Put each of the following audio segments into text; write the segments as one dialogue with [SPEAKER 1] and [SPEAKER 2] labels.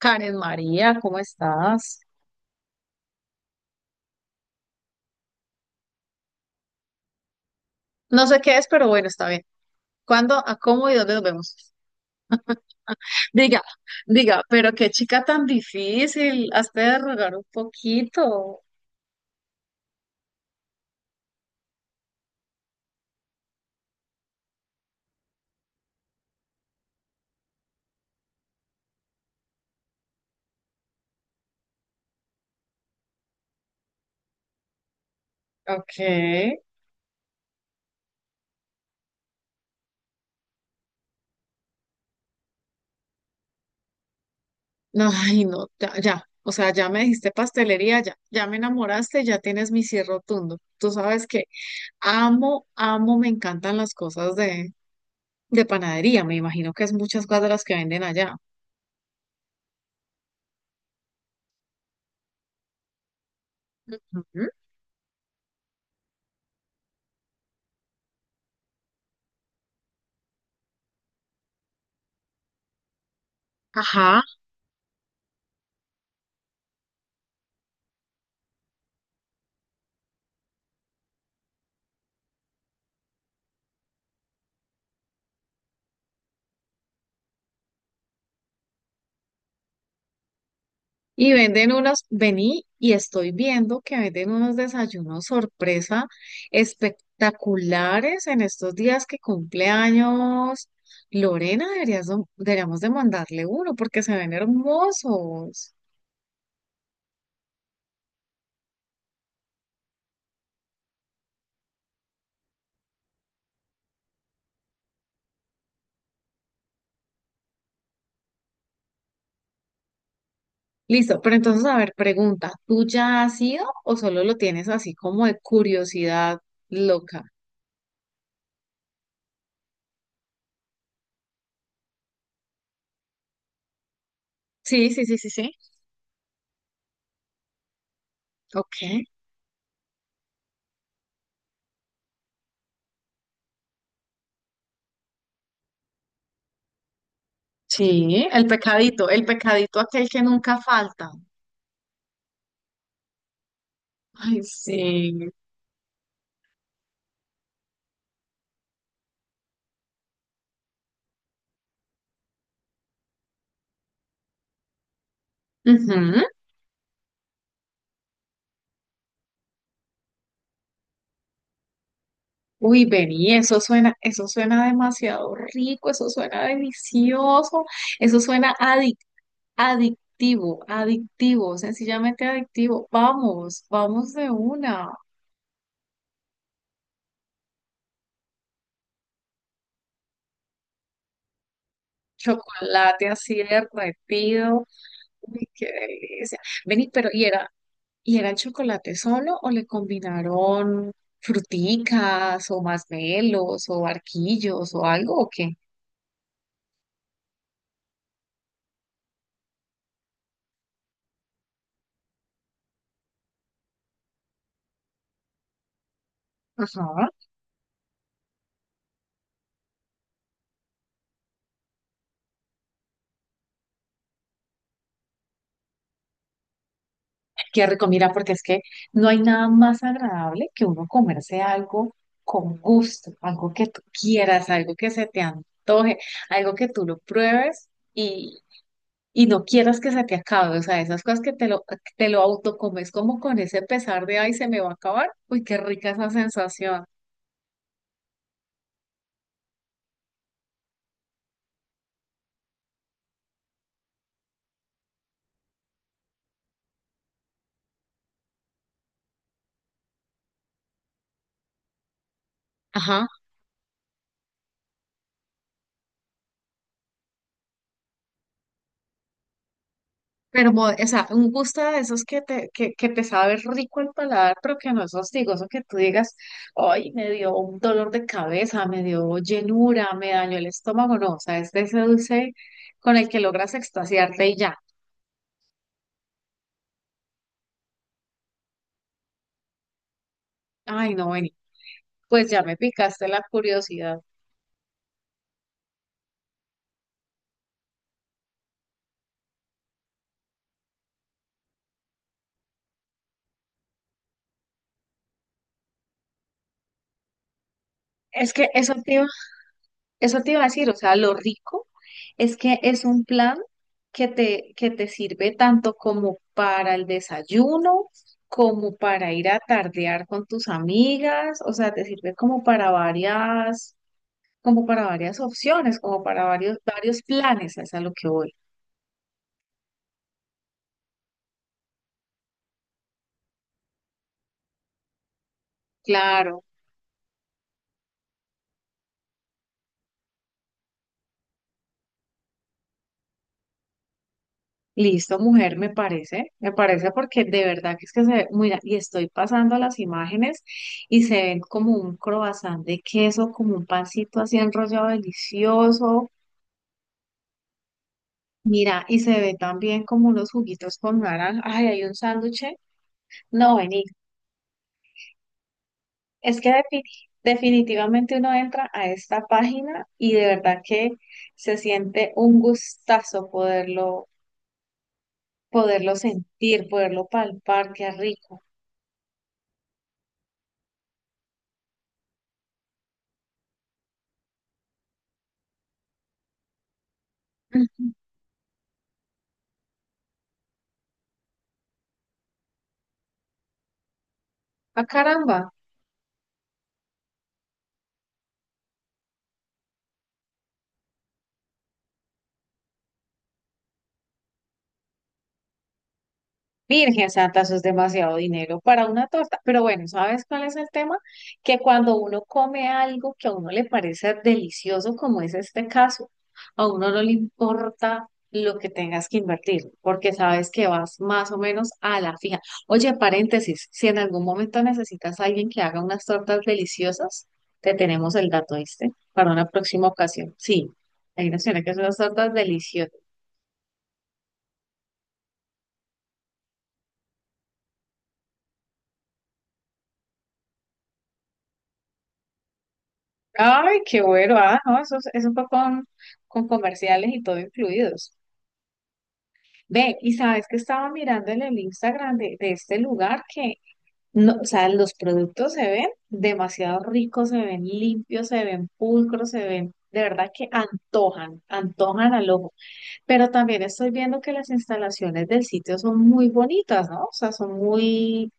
[SPEAKER 1] Karen María, ¿cómo estás? No sé qué es, pero bueno, está bien. ¿Cuándo, a cómo y dónde nos vemos? Diga, diga, pero qué chica tan difícil. Hazte de rogar un poquito. Ok. No, ay, no, ya, ya. O sea, ya me dijiste pastelería, ya, ya me enamoraste, ya tienes mi cierre rotundo. Tú sabes que amo, amo, me encantan las cosas de panadería. Me imagino que es muchas cosas de las que venden allá. Ujú. Ajá. Y venden unos, vení y estoy viendo que venden unos desayunos sorpresa espectaculares en estos días que cumple años. Lorena, deberías, deberíamos de mandarle uno porque se ven hermosos. Listo, pero entonces, a ver, pregunta, ¿tú ya has ido o solo lo tienes así como de curiosidad loca? Sí, sí, sí, sí, sí. Ok. Sí, el pecadito aquel que nunca falta. Ay, sí. Ujú. Uy, vení, eso suena demasiado rico, eso suena delicioso, eso suena adictivo, adictivo, sencillamente adictivo. Vamos, vamos de una. Chocolate así derretido. Uy, qué delicia. Vení, pero y era el chocolate solo o le combinaron fruticas o masmelos o barquillos o algo o qué? Ajá. Qué rico, mira, porque es que no hay nada más agradable que uno comerse algo con gusto, algo que tú quieras, algo que se te antoje, algo que tú lo pruebes y, y no quieras que se te acabe. O sea, esas cosas que te lo autocomes como con ese pesar de, ay, se me va a acabar. Uy, qué rica esa sensación. Pero, o sea, un gusto de esos que te sabe rico el paladar, pero que no es hostigoso, que tú digas, ay, me dio un dolor de cabeza, me dio llenura, me dañó el estómago, no, o sea, es de ese dulce con el que logras extasiarte y ya. Ay, no, vení, pues ya me picaste la curiosidad. Es que eso te iba Eso te iba a decir, o sea, lo rico es que es un plan que te sirve tanto como para el desayuno, como para ir a tardear con tus amigas, o sea, te sirve como para varias opciones, como para varios, varios planes, es a lo que voy. Claro. Listo, mujer, me parece porque de verdad que es que se ve, mira, y estoy pasando las imágenes y se ven como un croissant de queso, como un pancito así enrollado delicioso. Mira, y se ve también como unos juguitos con naranja. Ay, hay un sándwich. No, vení, es que definitivamente uno entra a esta página y de verdad que se siente un gustazo poderlo, poderlo sentir, poderlo palpar, qué rico. Ujú. Ah, caramba. Virgen Santa, eso es demasiado dinero para una torta. Pero bueno, ¿sabes cuál es el tema? Que cuando uno come algo que a uno le parece delicioso, como es este caso, a uno no le importa lo que tengas que invertir, porque sabes que vas más o menos a la fija. Oye, paréntesis, si en algún momento necesitas a alguien que haga unas tortas deliciosas, te tenemos el dato, ¿viste? Para una próxima ocasión. Sí, hay una señora que hace unas tortas deliciosas. Ay, qué bueno, ah, no, eso es, eso fue con comerciales y todo incluidos. Ve, y sabes que estaba mirando en el Instagram de este lugar que, no, o sea, los productos se ven demasiado ricos, se ven limpios, se ven pulcros, se ven, de verdad que antojan, antojan al ojo. Pero también estoy viendo que las instalaciones del sitio son muy bonitas, ¿no? O sea, son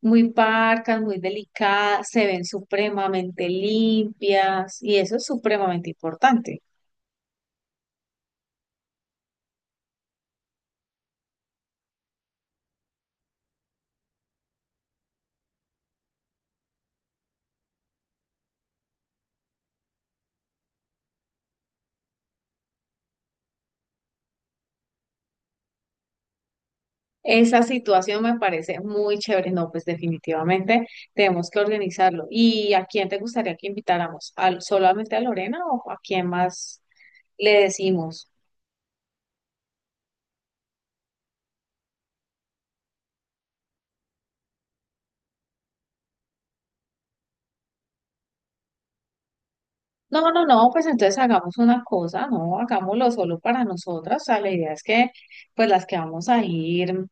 [SPEAKER 1] muy parcas, muy delicadas, se ven supremamente limpias y eso es supremamente importante. Esa situación me parece muy chévere. No, pues definitivamente tenemos que organizarlo. ¿Y a quién te gustaría que invitáramos? ¿Al, solamente a Lorena o a quién más le decimos? No, no, no, pues entonces hagamos una cosa, no, hagámoslo solo para nosotras. O sea, la idea es que, pues las que vamos a ir,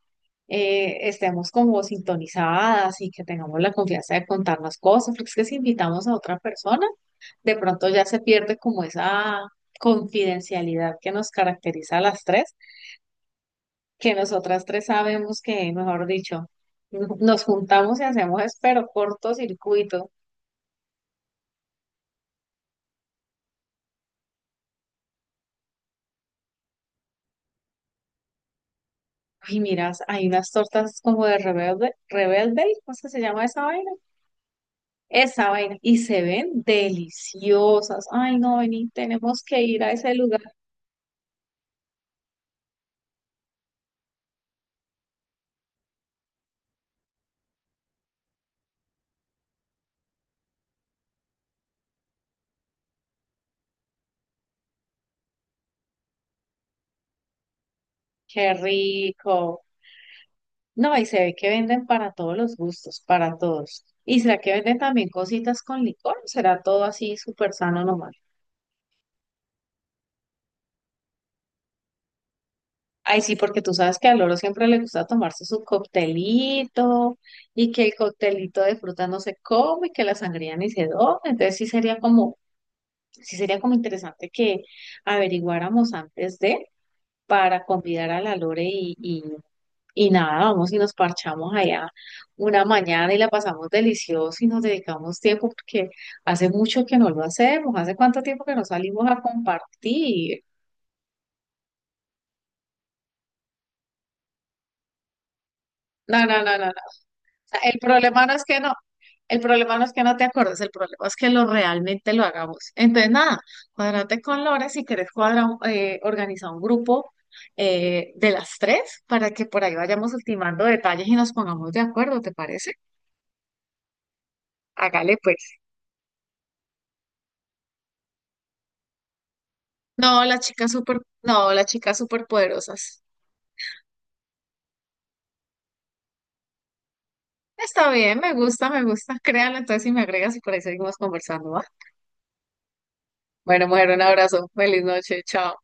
[SPEAKER 1] estemos como sintonizadas y que tengamos la confianza de contarnos cosas, porque es que si invitamos a otra persona, de pronto ya se pierde como esa confidencialidad que nos caracteriza a las tres, que nosotras tres sabemos que, mejor dicho, nos juntamos y hacemos, espero, cortocircuito. Ay, miras, hay unas tortas como de rebelde, rebelde, ¿cómo es que se llama esa vaina? Esa vaina. Y se ven deliciosas. Ay, no, vení, tenemos que ir a ese lugar. Qué rico. No, y se ve que venden para todos los gustos, para todos. ¿Y será que venden también cositas con licor? ¿Será todo así súper sano nomás? Ay, sí, porque tú sabes que al loro siempre le gusta tomarse su coctelito y que el coctelito de fruta no se come y que la sangría ni se toma. Entonces sí sería como interesante que averiguáramos antes de para convidar a la Lore y nada, vamos y nos parchamos allá una mañana y la pasamos delicioso y nos dedicamos tiempo porque hace mucho que no lo hacemos, hace cuánto tiempo que no salimos a compartir. No, no, no, no, sea, el problema no es que no te acuerdes, el problema es que lo realmente lo hagamos. Entonces, nada, cuadrate con Lore si querés cuadra, organiza un grupo de las tres para que por ahí vayamos ultimando detalles y nos pongamos de acuerdo, ¿te parece? Hágale pues. No, no, las chicas súper poderosas. Está bien, me gusta, me gusta. Créalo entonces y me agregas y por ahí seguimos conversando, ¿va? Bueno, mujer, un abrazo. Feliz noche. Chao.